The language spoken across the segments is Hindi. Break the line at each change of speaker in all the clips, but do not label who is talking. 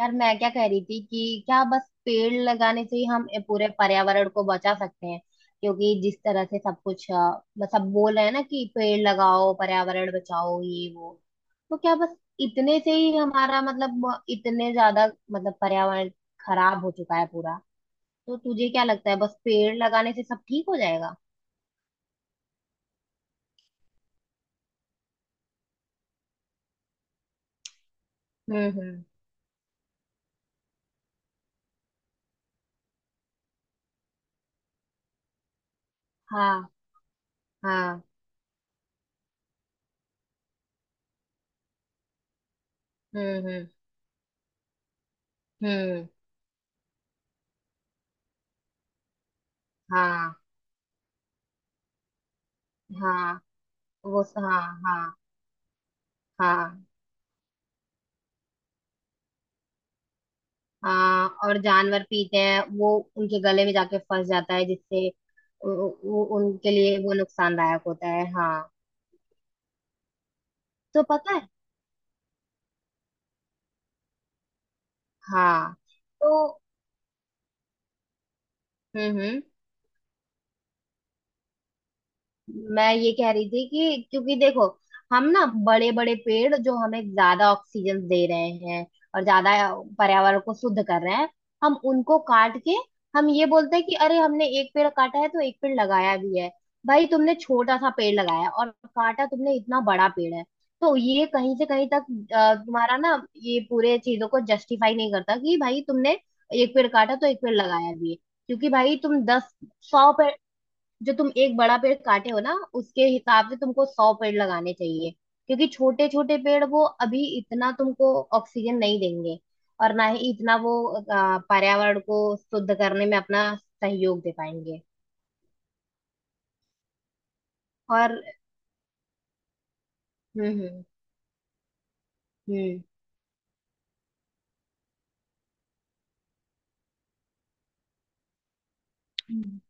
यार, मैं क्या कह रही थी कि क्या बस पेड़ लगाने से ही हम पूरे पर्यावरण को बचा सकते हैं? क्योंकि जिस तरह से सब कुछ बस सब बोल रहे हैं ना कि पेड़ लगाओ पर्यावरण बचाओ ये वो। तो क्या बस इतने से ही हमारा मतलब इतने ज्यादा मतलब पर्यावरण खराब हो चुका है पूरा। तो तुझे क्या लगता है, बस पेड़ लगाने से सब ठीक हो जाएगा? हम्म। हाँ। हाँ। हम्म हम्म हम्म। हाँ। हाँ। हाँ। हाँ। हाँ। हाँ, और जानवर पीते हैं वो, उनके गले में जाके फंस जाता है, जिससे वो उनके लिए वो नुकसानदायक होता है। हाँ, तो पता है। हाँ। तो हम्म, मैं ये कह रही थी कि क्योंकि देखो, हम ना बड़े बड़े पेड़ जो हमें ज्यादा ऑक्सीजन दे रहे हैं और ज्यादा पर्यावरण को शुद्ध कर रहे हैं, हम उनको काट के हम ये बोलते हैं कि अरे हमने एक पेड़ काटा है तो एक पेड़ लगाया भी है। भाई, तुमने छोटा सा पेड़ लगाया, और काटा तुमने इतना बड़ा पेड़ है। तो ये कहीं से कहीं तक तुम्हारा ना ये पूरे चीजों को जस्टिफाई नहीं करता कि भाई तुमने एक पेड़ काटा तो एक पेड़ लगाया भी है। क्योंकि भाई, तुम 10, 100 पेड़, जो तुम एक बड़ा पेड़ काटे हो ना, उसके हिसाब से तुमको 100 पेड़ लगाने चाहिए। क्योंकि छोटे छोटे पेड़ वो अभी इतना तुमको ऑक्सीजन नहीं देंगे, और ना ही इतना वो पर्यावरण को शुद्ध करने में अपना सहयोग दे पाएंगे। और हम्म हम्म हम्म हम्म।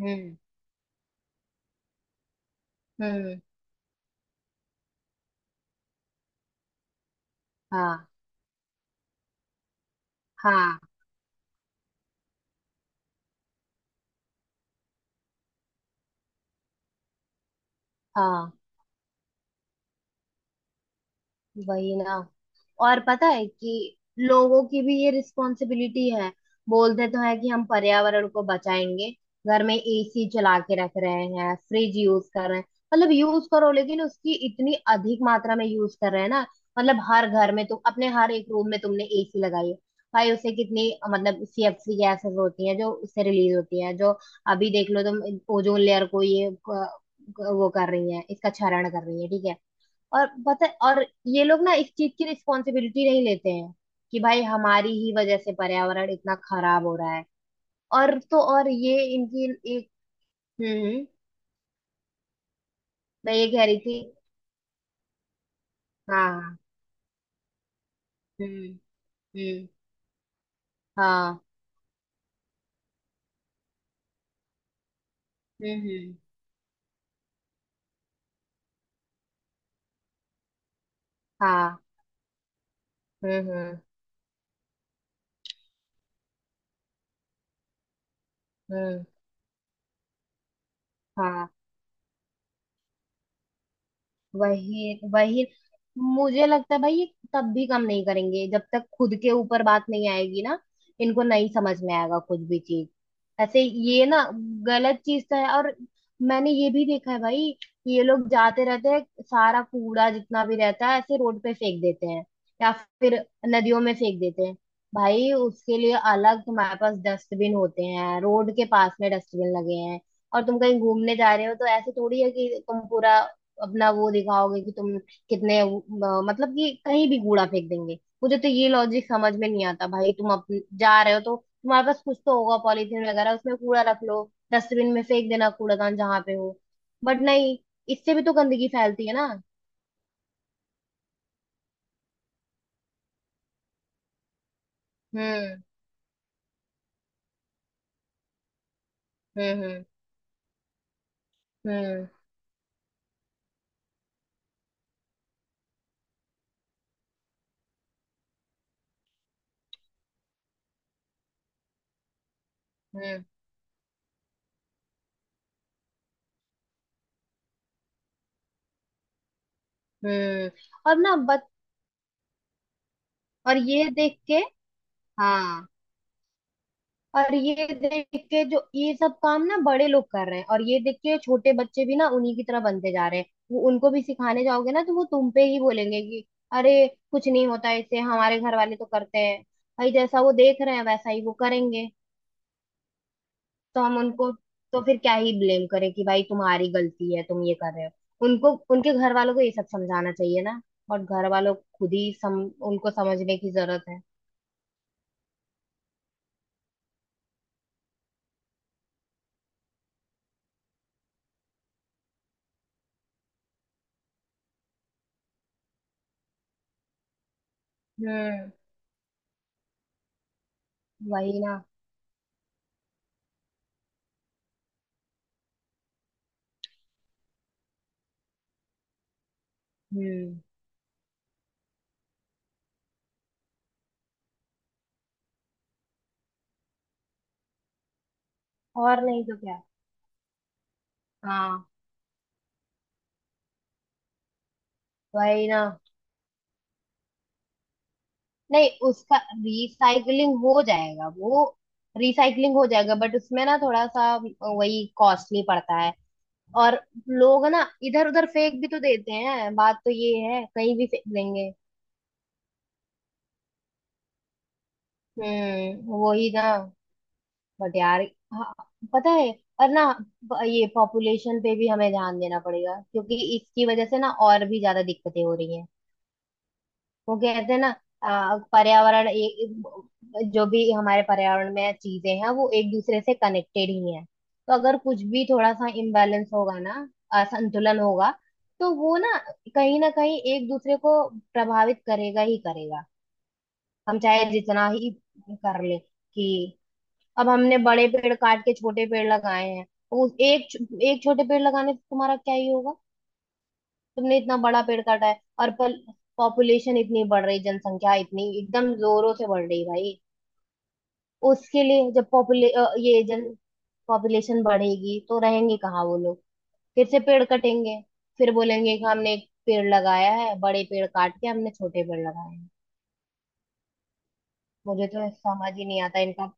हम्म हम्म। हाँ। हाँ। हाँ, वही ना। और पता है कि लोगों की भी ये रिस्पॉन्सिबिलिटी है। बोलते तो है कि हम पर्यावरण को बचाएंगे, घर में एसी चला के रख रहे हैं, फ्रिज यूज कर रहे हैं। मतलब यूज करो, लेकिन उसकी इतनी अधिक मात्रा में यूज कर रहे हैं ना। मतलब हर घर में तुम अपने हर एक रूम में तुमने एसी लगाई है। भाई, उससे कितनी मतलब सीएफसी गैसेस होती हैं जो उससे रिलीज होती हैं। जो, अभी देख लो तुम, ओजोन लेयर को ये वो कर रही है, इसका क्षरण कर रही है, ठीक है। और पता है, और ये लोग ना इस चीज की रिस्पॉन्सिबिलिटी नहीं लेते हैं कि भाई हमारी ही वजह से पर्यावरण इतना खराब हो रहा है। और तो और, ये इनकी एक। हम्म हम्म, मैं ये कह रही थी। हाँ। हम्म हम्म। हाँ। हम्म। हाँ। हम्म हम्म हम्म। हाँ, वही वही। मुझे लगता है भाई ये तब भी कम नहीं करेंगे जब तक खुद के ऊपर बात नहीं आएगी ना। इनको नहीं समझ में आएगा कुछ भी चीज। ऐसे ये ना, गलत चीज तो है। और मैंने ये भी देखा है भाई कि ये लोग जाते रहते हैं, सारा कूड़ा जितना भी रहता है ऐसे रोड पे फेंक देते हैं, या फिर नदियों में फेंक देते हैं। भाई, उसके लिए अलग तुम्हारे पास डस्टबिन होते हैं, रोड के पास में डस्टबिन लगे हैं। और तुम कहीं घूमने जा रहे हो तो ऐसे थोड़ी है कि तुम पूरा अपना वो दिखाओगे कि तुम कितने मतलब कि कहीं भी कूड़ा फेंक देंगे। मुझे तो ये लॉजिक समझ में नहीं आता भाई। जा रहे हो तो तुम्हारे पास कुछ तो होगा, पॉलीथीन वगैरह, उसमें कूड़ा रख लो, डस्टबिन में फेंक देना, कूड़ादान जहां पे हो। बट नहीं, इससे भी तो गंदगी फैलती है ना। हम्म हम्म। हम्म हम्म हम्म। और ना बच और ये देख के, हाँ, और ये देख के जो ये सब काम ना बड़े लोग कर रहे हैं, और ये देख के छोटे बच्चे भी ना उन्हीं की तरह बनते जा रहे हैं। वो उनको भी सिखाने जाओगे ना तो वो तुम पे ही बोलेंगे कि अरे कुछ नहीं होता इससे, हमारे घर वाले तो करते हैं। भाई, जैसा वो देख रहे हैं वैसा ही वो करेंगे। तो हम उनको तो फिर क्या ही ब्लेम करें कि भाई तुम्हारी गलती है, तुम ये कर रहे हो। उनको उनके घर वालों को ये सब समझाना चाहिए ना। और घर वालों को खुद ही सम उनको समझने की जरूरत है। हम्म, वही ना। हम्म। और नहीं तो क्या। हाँ, वही ना। नहीं, उसका रिसाइकलिंग हो जाएगा वो, रिसाइकलिंग हो जाएगा, बट उसमें ना थोड़ा सा वही कॉस्टली पड़ता है। और लोग ना इधर उधर फेंक भी तो देते हैं, बात तो ये है, कहीं भी फेंक देंगे। हम्म, वही ना। बट यार, हाँ, पता है। और ना, ये पॉपुलेशन पे भी हमें ध्यान देना पड़ेगा क्योंकि इसकी वजह से ना और भी ज्यादा दिक्कतें हो रही हैं। वो कहते हैं ना, पर्यावरण जो भी हमारे पर्यावरण में चीजें हैं वो एक दूसरे से कनेक्टेड ही हैं। तो अगर कुछ भी थोड़ा सा इम्बैलेंस होगा ना, असंतुलन होगा, तो वो ना कहीं एक दूसरे को प्रभावित करेगा ही करेगा। हम चाहे जितना ही कर ले कि अब हमने बड़े पेड़ काट के छोटे पेड़ लगाए हैं, तो उस एक एक छोटे पेड़ लगाने से तुम्हारा क्या ही होगा। तुमने इतना बड़ा पेड़ काटा है, और पॉपुलेशन इतनी बढ़ रही, जनसंख्या इतनी एकदम जोरों से बढ़ रही भाई। उसके लिए जब पॉपुले अ, ये जन पॉपुलेशन बढ़ेगी तो रहेंगे कहाँ वो लोग? फिर से पेड़ कटेंगे, फिर बोलेंगे कि हमने एक पेड़ लगाया है, बड़े पेड़ काट के हमने छोटे पेड़ लगाए हैं। मुझे तो समझ ही नहीं आता इनका।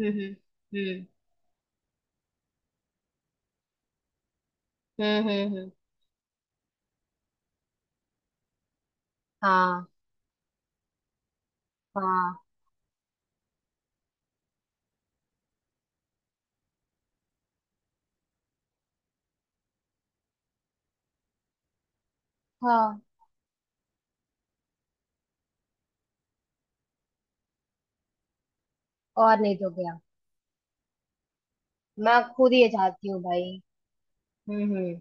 हम्म हम्म हम्म। हाँ। हाँ। हाँ, और नहीं तो क्या। मैं खुद ये चाहती हूँ भाई। हम्म हम्म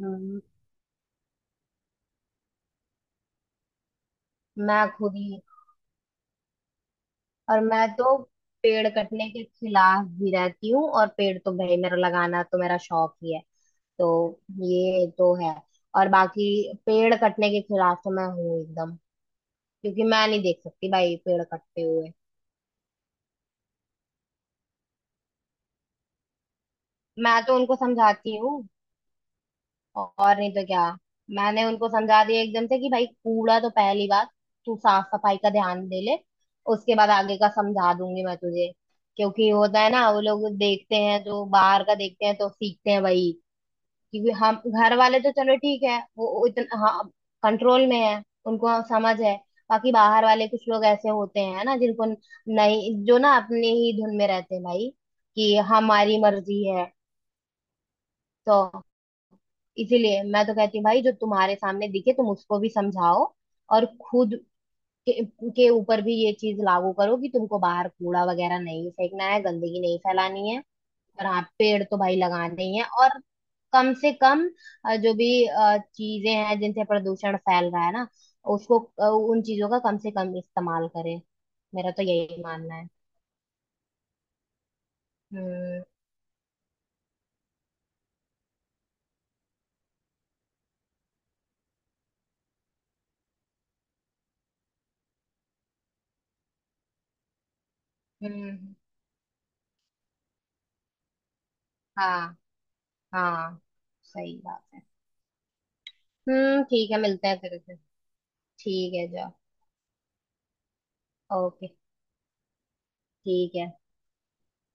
हम्म, मैं खुद ही। और मैं तो पेड़ कटने के खिलाफ भी रहती हूँ, और पेड़ तो भाई मेरा लगाना तो मेरा शौक ही है। तो ये तो है। और बाकी, पेड़ कटने के खिलाफ तो मैं हूँ एकदम, क्योंकि मैं नहीं देख सकती भाई पेड़ कटते हुए। मैं तो उनको समझाती हूँ, और नहीं तो क्या। मैंने उनको समझा दिया एकदम से कि भाई, कूड़ा तो पहली बात, तू साफ सफाई का ध्यान दे ले, उसके बाद आगे का समझा दूंगी मैं तुझे। क्योंकि होता है ना, वो लोग देखते हैं, जो बाहर का देखते हैं तो सीखते हैं वही। क्योंकि हम, घर वाले तो चलो ठीक है, वो इतना, हाँ, कंट्रोल में है, उनको समझ है। बाकी बाहर वाले कुछ लोग ऐसे होते हैं ना, जिनको नहीं, जो ना अपने ही धुन में रहते हैं भाई, कि हमारी मर्जी है। तो इसीलिए मैं तो कहती हूँ भाई, जो तुम्हारे सामने दिखे तुम उसको भी समझाओ, और खुद के, के ऊपर भी ये चीज लागू करो कि तुमको बाहर कूड़ा वगैरह नहीं फेंकना है, गंदगी नहीं फैलानी है। और हाँ, पेड़ तो भाई लगाने ही हैं, और कम से कम जो भी चीजें हैं जिनसे प्रदूषण फैल रहा है ना, उसको उन चीजों का कम से कम इस्तेमाल करें। मेरा तो यही मानना है। हम्म हम्म। हाँ। हाँ, सही बात है। हम्म, ठीक है, मिलते हैं फिर से। ठीक है, जाओ। ओके। ठीक है।